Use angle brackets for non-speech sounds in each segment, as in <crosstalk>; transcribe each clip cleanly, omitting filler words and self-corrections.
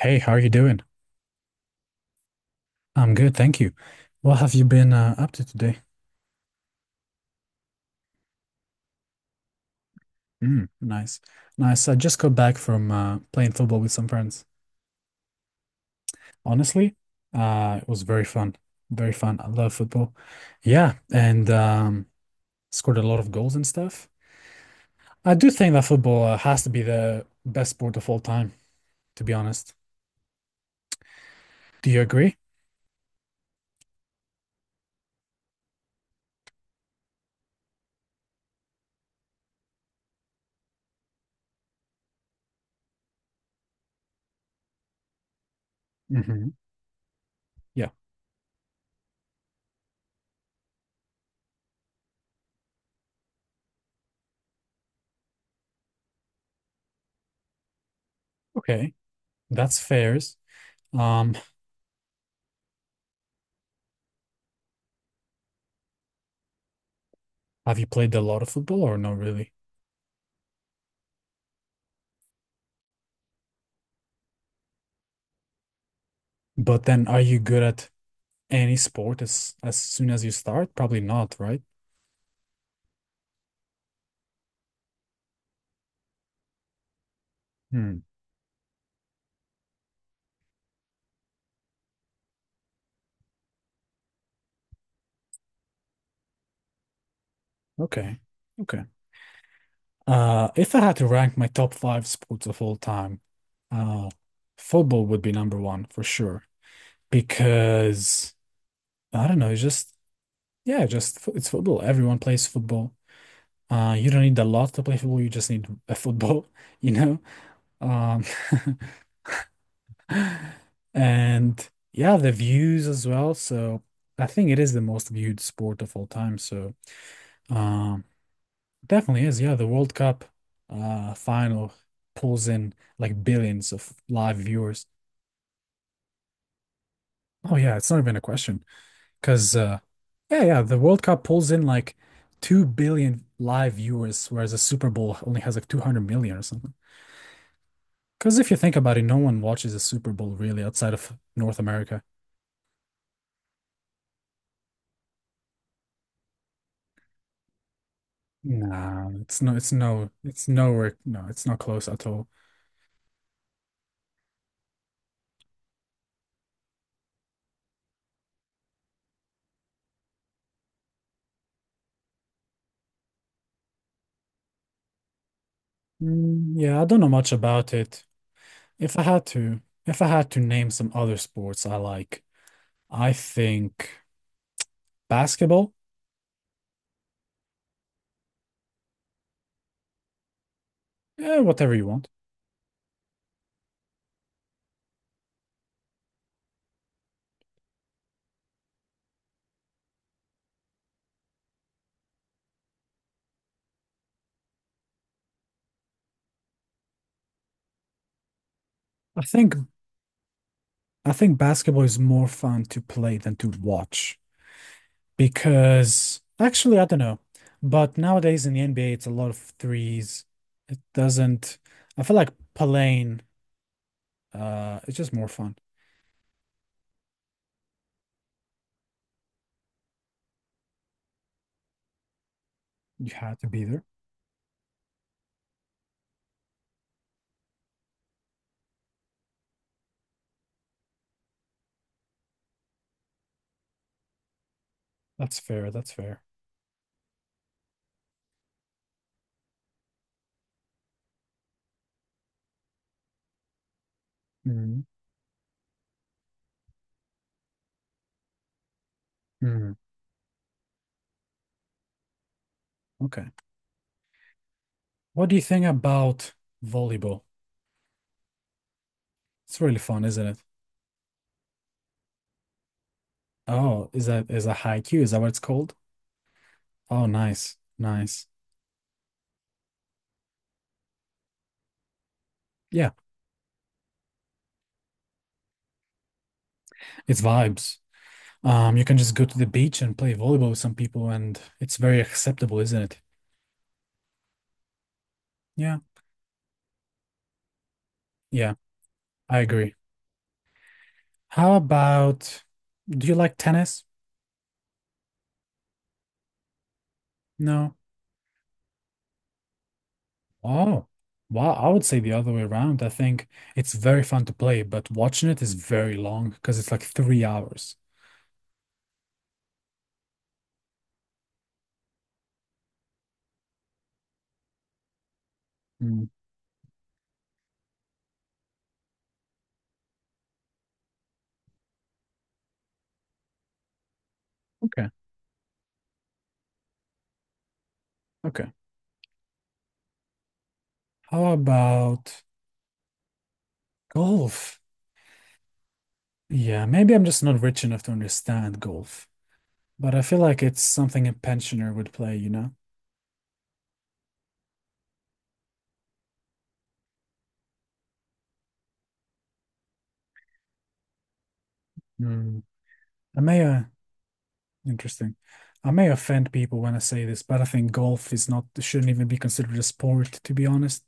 Hey, how are you doing? I'm good, thank you. What have you been up to today? Mm, nice, nice. I just got back from playing football with some friends. Honestly, it was very fun, very fun. I love football. Yeah, and scored a lot of goals and stuff. I do think that football has to be the best sport of all time, to be honest. Do you agree? Hmm. Yeah. Okay, that's fair. Um, have you played a lot of football or not really? But then, are you good at any sport as soon as you start? Probably not, right? Hmm. Okay. Okay. If I had to rank my top 5 sports of all time, uh, football would be number one for sure because I don't know, it's just yeah, it's football. Everyone plays football. You don't need a lot to play football. You just need a football, <laughs> you know. Um, <laughs> and yeah, the views as well. So I think it is the most viewed sport of all time. So. Um, Definitely is. Yeah, the World Cup final pulls in like billions of live viewers. Oh yeah, it's not even a question. 'Cause yeah, the World Cup pulls in like 2 billion live viewers whereas the Super Bowl only has like 200 million or something. 'Cause if you think about it, no one watches the Super Bowl really outside of North America. Nah, it's no it's no it's nowhere no, it's not close at all. Mm, yeah, I don't know much about it. If I had to name some other sports I like I think basketball, yeah, whatever you want. I think I think basketball is more fun to play than to watch because actually I don't know, but nowadays in the NBA it's a lot of threes. It doesn't. I feel like playing. It's just more fun. You have to be there. That's fair. That's fair. Mhm. Mhm. Okay. What do you think about volleyball? It's really fun, isn't it? Oh, is that is a haiku? Is that what it's called? Oh, nice, nice. Yeah, it's vibes. You can just go to the beach and play volleyball with some people, and it's very acceptable, isn't it? Yeah, yeah, I agree. How about, do you like tennis? No. Oh, wow. I would say the other way around. I think it's very fun to play, but watching it is very long because it's like 3 hours. Mm, okay, okay. How about golf. Yeah, maybe I'm just not rich enough to understand golf, but I feel like it's something a pensioner would play, you know? Hmm. I may, interesting. I may offend people when I say this, but I think golf is not, shouldn't even be considered a sport, to be honest.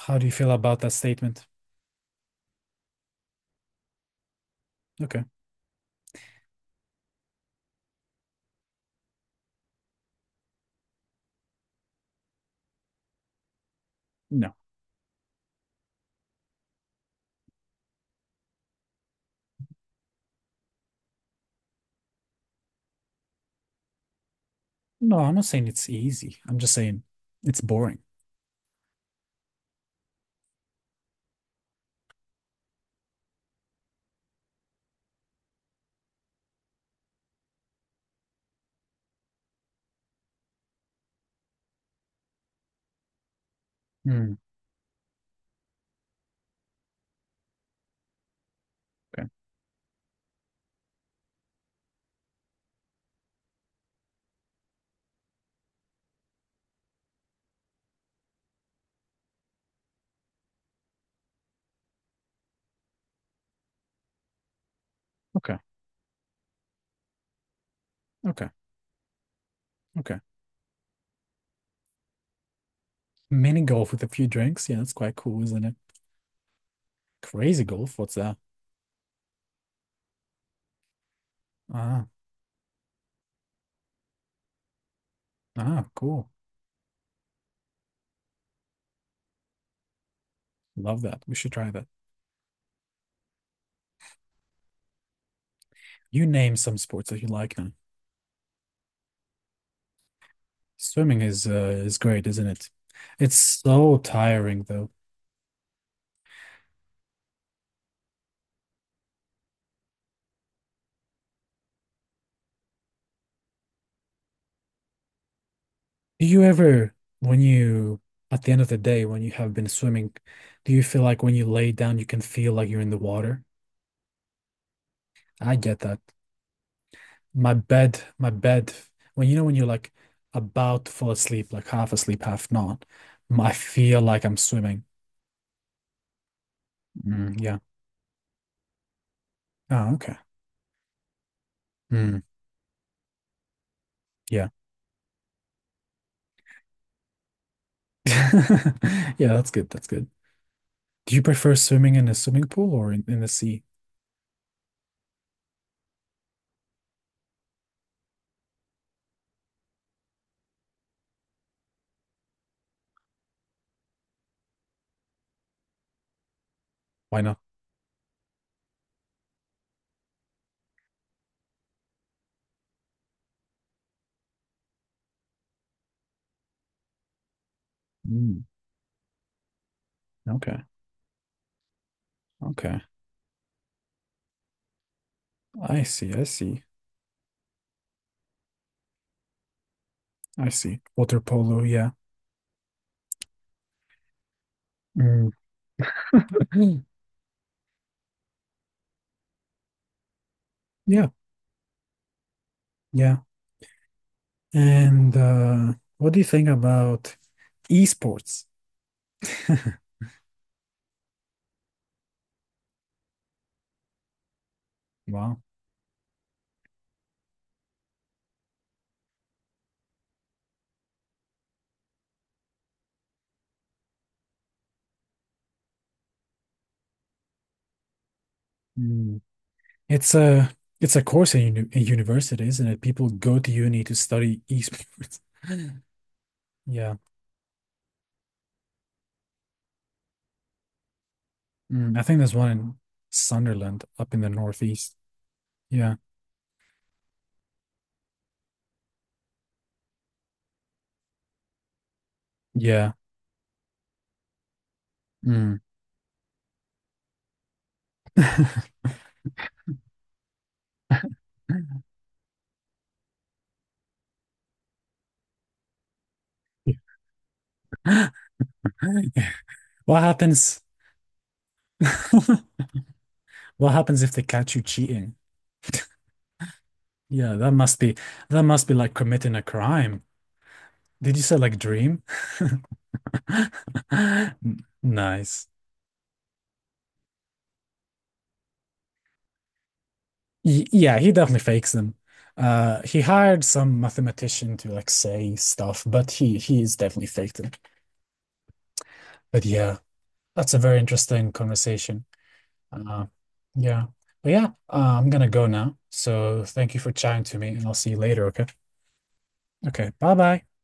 How do you feel about that statement? Okay. No. No, I'm not saying it's easy. I'm just saying it's boring. Hmm. Okay. Okay. Okay. Okay. Mini golf with a few drinks. Yeah, that's quite cool, isn't it? Crazy golf. What's that? Ah, ah, cool. Love that. We should try that. You name some sports that you like now. Swimming is great, isn't it? It's so tiring though. Do you ever, when you, at the end of the day, when you have been swimming, do you feel like when you lay down, you can feel like you're in the water? I get that. My bed, when you know, when you're like about to fall asleep, like half asleep, half not, I feel like I'm swimming. Mm, yeah. Oh, okay. Mm, yeah. <laughs> Yeah, that's good. That's good. Do you prefer swimming in a swimming pool or in the sea? Why not? Mm, okay. Okay. I see. I see. I see. Water polo. Yeah. Mm. <clears throat> Yeah. Yeah. And what do you think about esports? <laughs> Wow. Mm. It's a course in university, isn't it? People go to uni to study esports. <laughs> Yeah. Mm, I think there's one in Sunderland up in the northeast. Yeah. Yeah. Mm. <laughs> What happens? <laughs> What happens if they catch you cheating? Yeah, that must be like committing a crime. Did you say like dream? <laughs> N- nice. Y yeah, he definitely fakes them. He hired some mathematician to like say stuff, but he is definitely faked them. But yeah, that's a very interesting conversation. Uh, yeah, I'm gonna go now. So thank you for chatting to me, and I'll see you later. Okay. Okay. Bye bye.